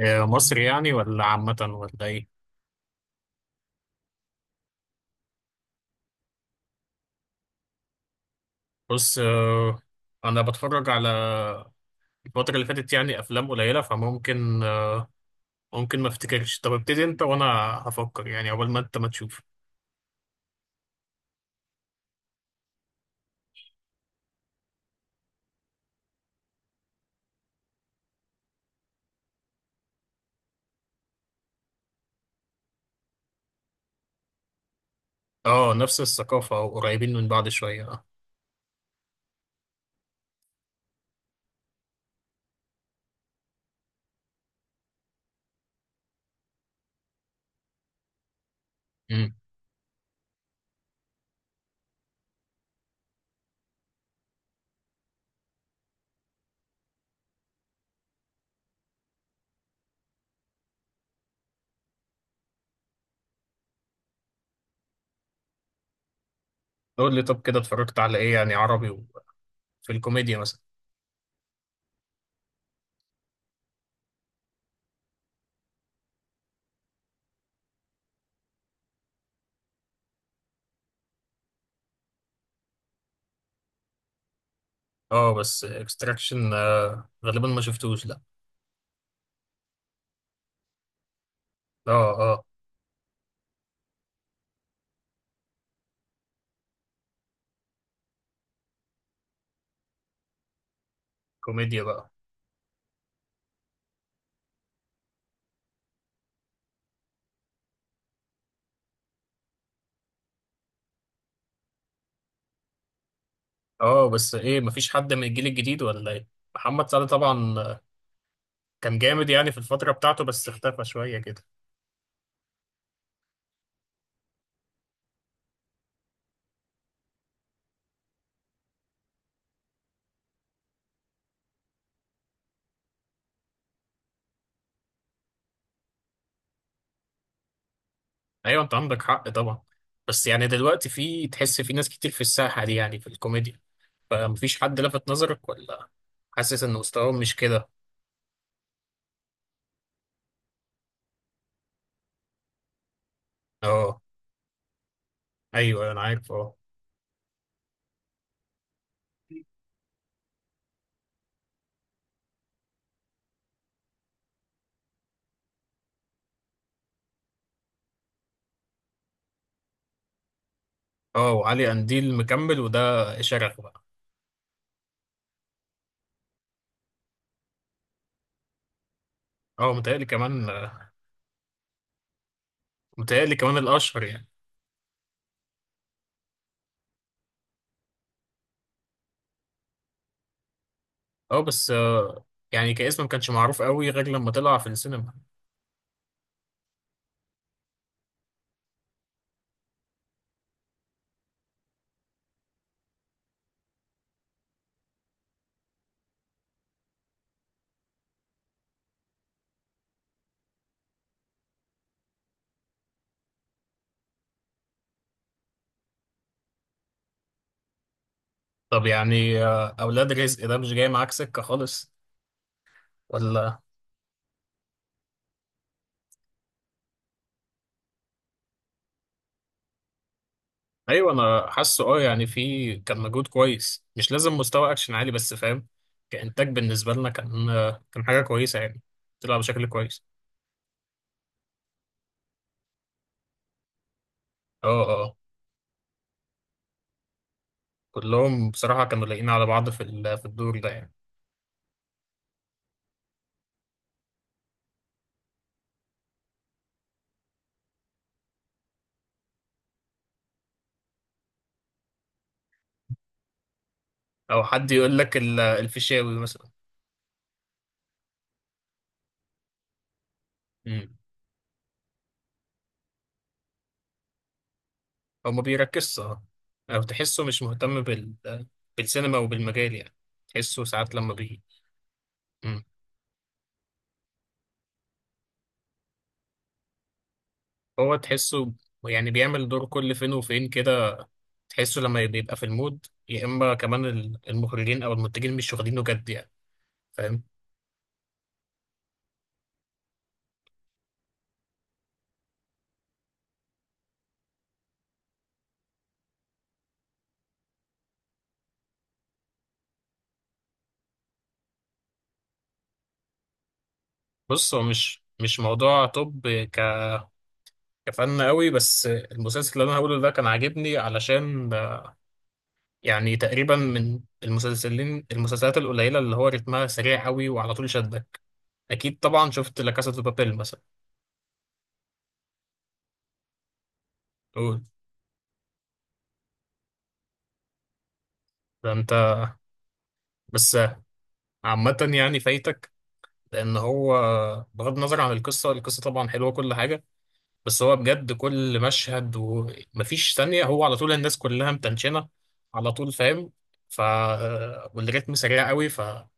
آه، مصري يعني ولا عامة ولا إيه؟ بص آه، أنا بتفرج على الفترة اللي فاتت يعني أفلام قليلة فممكن ممكن ما أفتكرش. طب ابتدي أنت وأنا هفكر، يعني عقبال ما أنت ما تشوف. أه، نفس الثقافة أو قريبين من بعض شوية أه. أمم. قول لي طب، كده اتفرجت على إيه يعني عربي؟ وفي الكوميديا مثلا؟ أه، بس إكستراكشن غالبا ما شفتوش، لأ. أه أه. كوميديا بقى. أه، بس إيه؟ مفيش حد من الجيل الجديد ولا إيه؟ محمد سعد طبعا كان جامد يعني في الفترة بتاعته، بس اختفى شوية كده. أيوة، أنت عندك حق طبعا. بس يعني دلوقتي في، تحس في ناس كتير في الساحة دي يعني في الكوميديا، فمفيش حد لفت نظرك؟ ولا حاسس إن مستواهم مش كده؟ أه، أيوة أنا عارف، أه. أه، وعلي قنديل مكمل، وده شرف بقى. أه، متهيألي كمان، متهيألي كمان الأشهر يعني. أه، بس يعني كاسم ما كانش معروف قوي غير لما طلع في السينما. طب يعني أولاد رزق ده مش جاي معاك سكة خالص ولا؟ ايوه، انا حاسه اه، يعني في كان مجهود كويس، مش لازم مستوى اكشن عالي، بس فاهم، كانتاج بالنسبه لنا كان، كان حاجه كويسه يعني، طلع بشكل كويس. اه اه آه. كلهم بصراحه كانوا لايقين على بعض في في الدور ده يعني. او حد يقول لك الفيشاوي مثلا. امم، هو ما بيركزش، اه. او تحسه مش مهتم بال، بالسينما وبالمجال يعني. تحسه ساعات لما بي، مم. هو تحسه يعني بيعمل دور كل فين وفين كده. تحسه لما يبقى في المود، يا اما كمان المخرجين او المنتجين مش واخدينه جد يعني، فاهم. بص، هو مش موضوع طب، ك- كفن قوي. بس المسلسل اللي انا هقوله ده كان عاجبني علشان يعني تقريبا من المسلسلات القليله اللي هو رتمها سريع قوي وعلى طول شدك. اكيد طبعا شفت لا كاسا دي بابيل مثلا. قول. ده انت، بس، عامه يعني فايتك، لان هو، بغض النظر عن القصه، القصه طبعا حلوه كل حاجه، بس هو بجد كل مشهد ومفيش ثانية، هو على طول الناس كلها متنشنة على طول، فاهم. ف، والريتم سريع قوي، فدي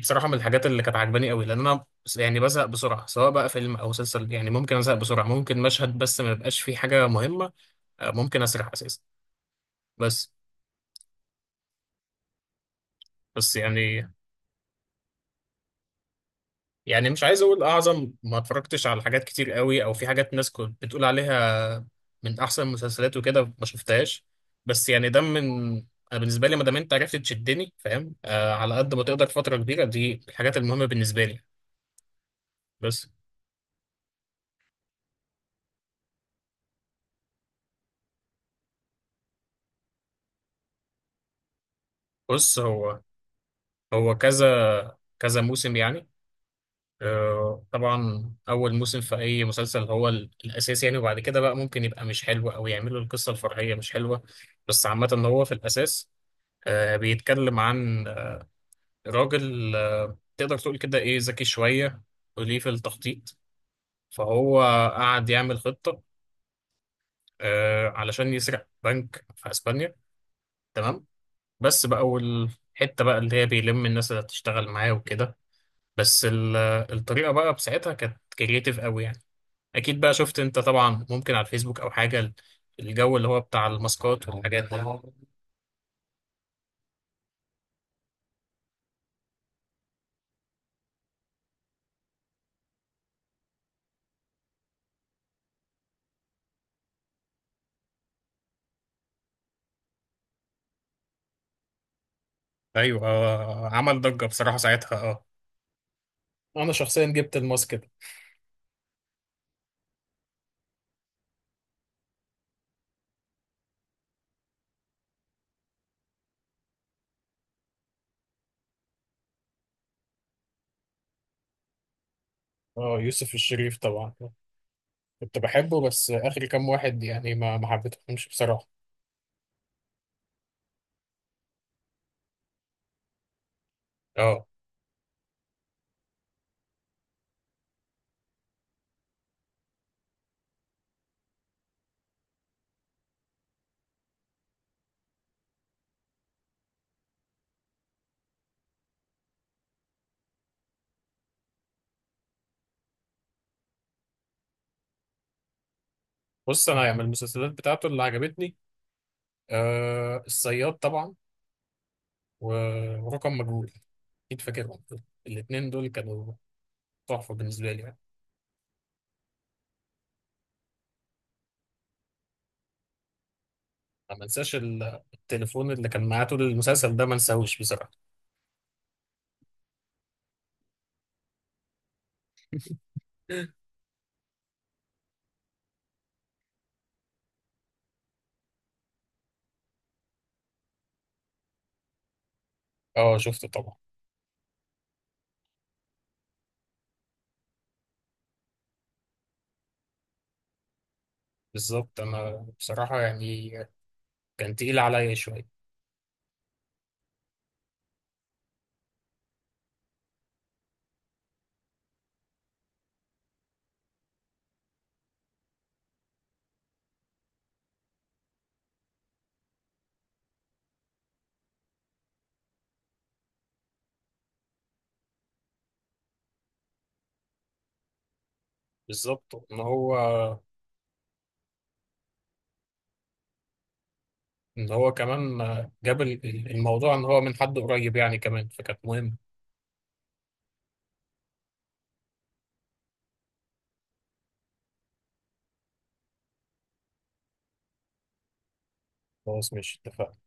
بصراحة من الحاجات اللي كانت عجباني قوي، لأن أنا يعني بزهق بسرعة، سواء بقى فيلم أو مسلسل يعني ممكن أزهق بسرعة، ممكن مشهد بس ما يبقاش فيه حاجة مهمة، آه، ممكن أسرح أساسا بس. بس يعني مش عايز اقول اعظم، ما اتفرجتش على حاجات كتير قوي، او في حاجات ناس كنت بتقول عليها من احسن المسلسلات وكده ما شفتهاش. بس يعني ده من، انا بالنسبه لي ما دام انت عرفت تشدني، فاهم، آه، على قد ما تقدر فتره كبيره، دي الحاجات المهمه بالنسبه لي، بس. بص، هو كذا كذا موسم يعني. آه طبعا، اول موسم في اي مسلسل هو الاساس يعني، وبعد كده بقى ممكن يبقى مش حلو او يعملوا القصه الفرعيه مش حلوه. بس عامه هو في الاساس آه، بيتكلم عن راجل آه، تقدر تقول كده ايه، ذكي شوية وليه في التخطيط، فهو قعد يعمل خطة آه، علشان يسرق بنك في اسبانيا، تمام. بس بقى، والحتة بقى اللي هي بيلم الناس اللي هتشتغل معاه وكده، بس الطريقة بقى بساعتها كانت كرييتيف قوي يعني. اكيد بقى شفت انت طبعا، ممكن على الفيسبوك او حاجة، الجو اللي هو بتاع الماسكات والحاجات دي. ايوه آه، عمل ضجة بصراحة ساعتها، اه، انا شخصيا جبت الماسك ده. اه، يوسف الشريف طبعا كنت بحبه، بس اخر كام واحد يعني ما حبيتهمش بصراحه. اه، بص انا يعني من المسلسلات بتاعته اللي عجبتني آه الصياد طبعا، و- ورقم مجهول، اكيد فاكرهم. الاثنين دول كانوا تحفه بالنسبه لي يعني. ما منساش التليفون اللي كان معاه طول المسلسل ده، ما انساهوش بصراحه. اه شفته طبعا. بالظبط، انا بصراحه يعني كان تقيل عليا شويه. بالظبط، ان هو، ان هو كمان جاب الموضوع، ان هو من حد قريب يعني كمان، فكانت مهمه. خلاص ماشي، اتفقنا.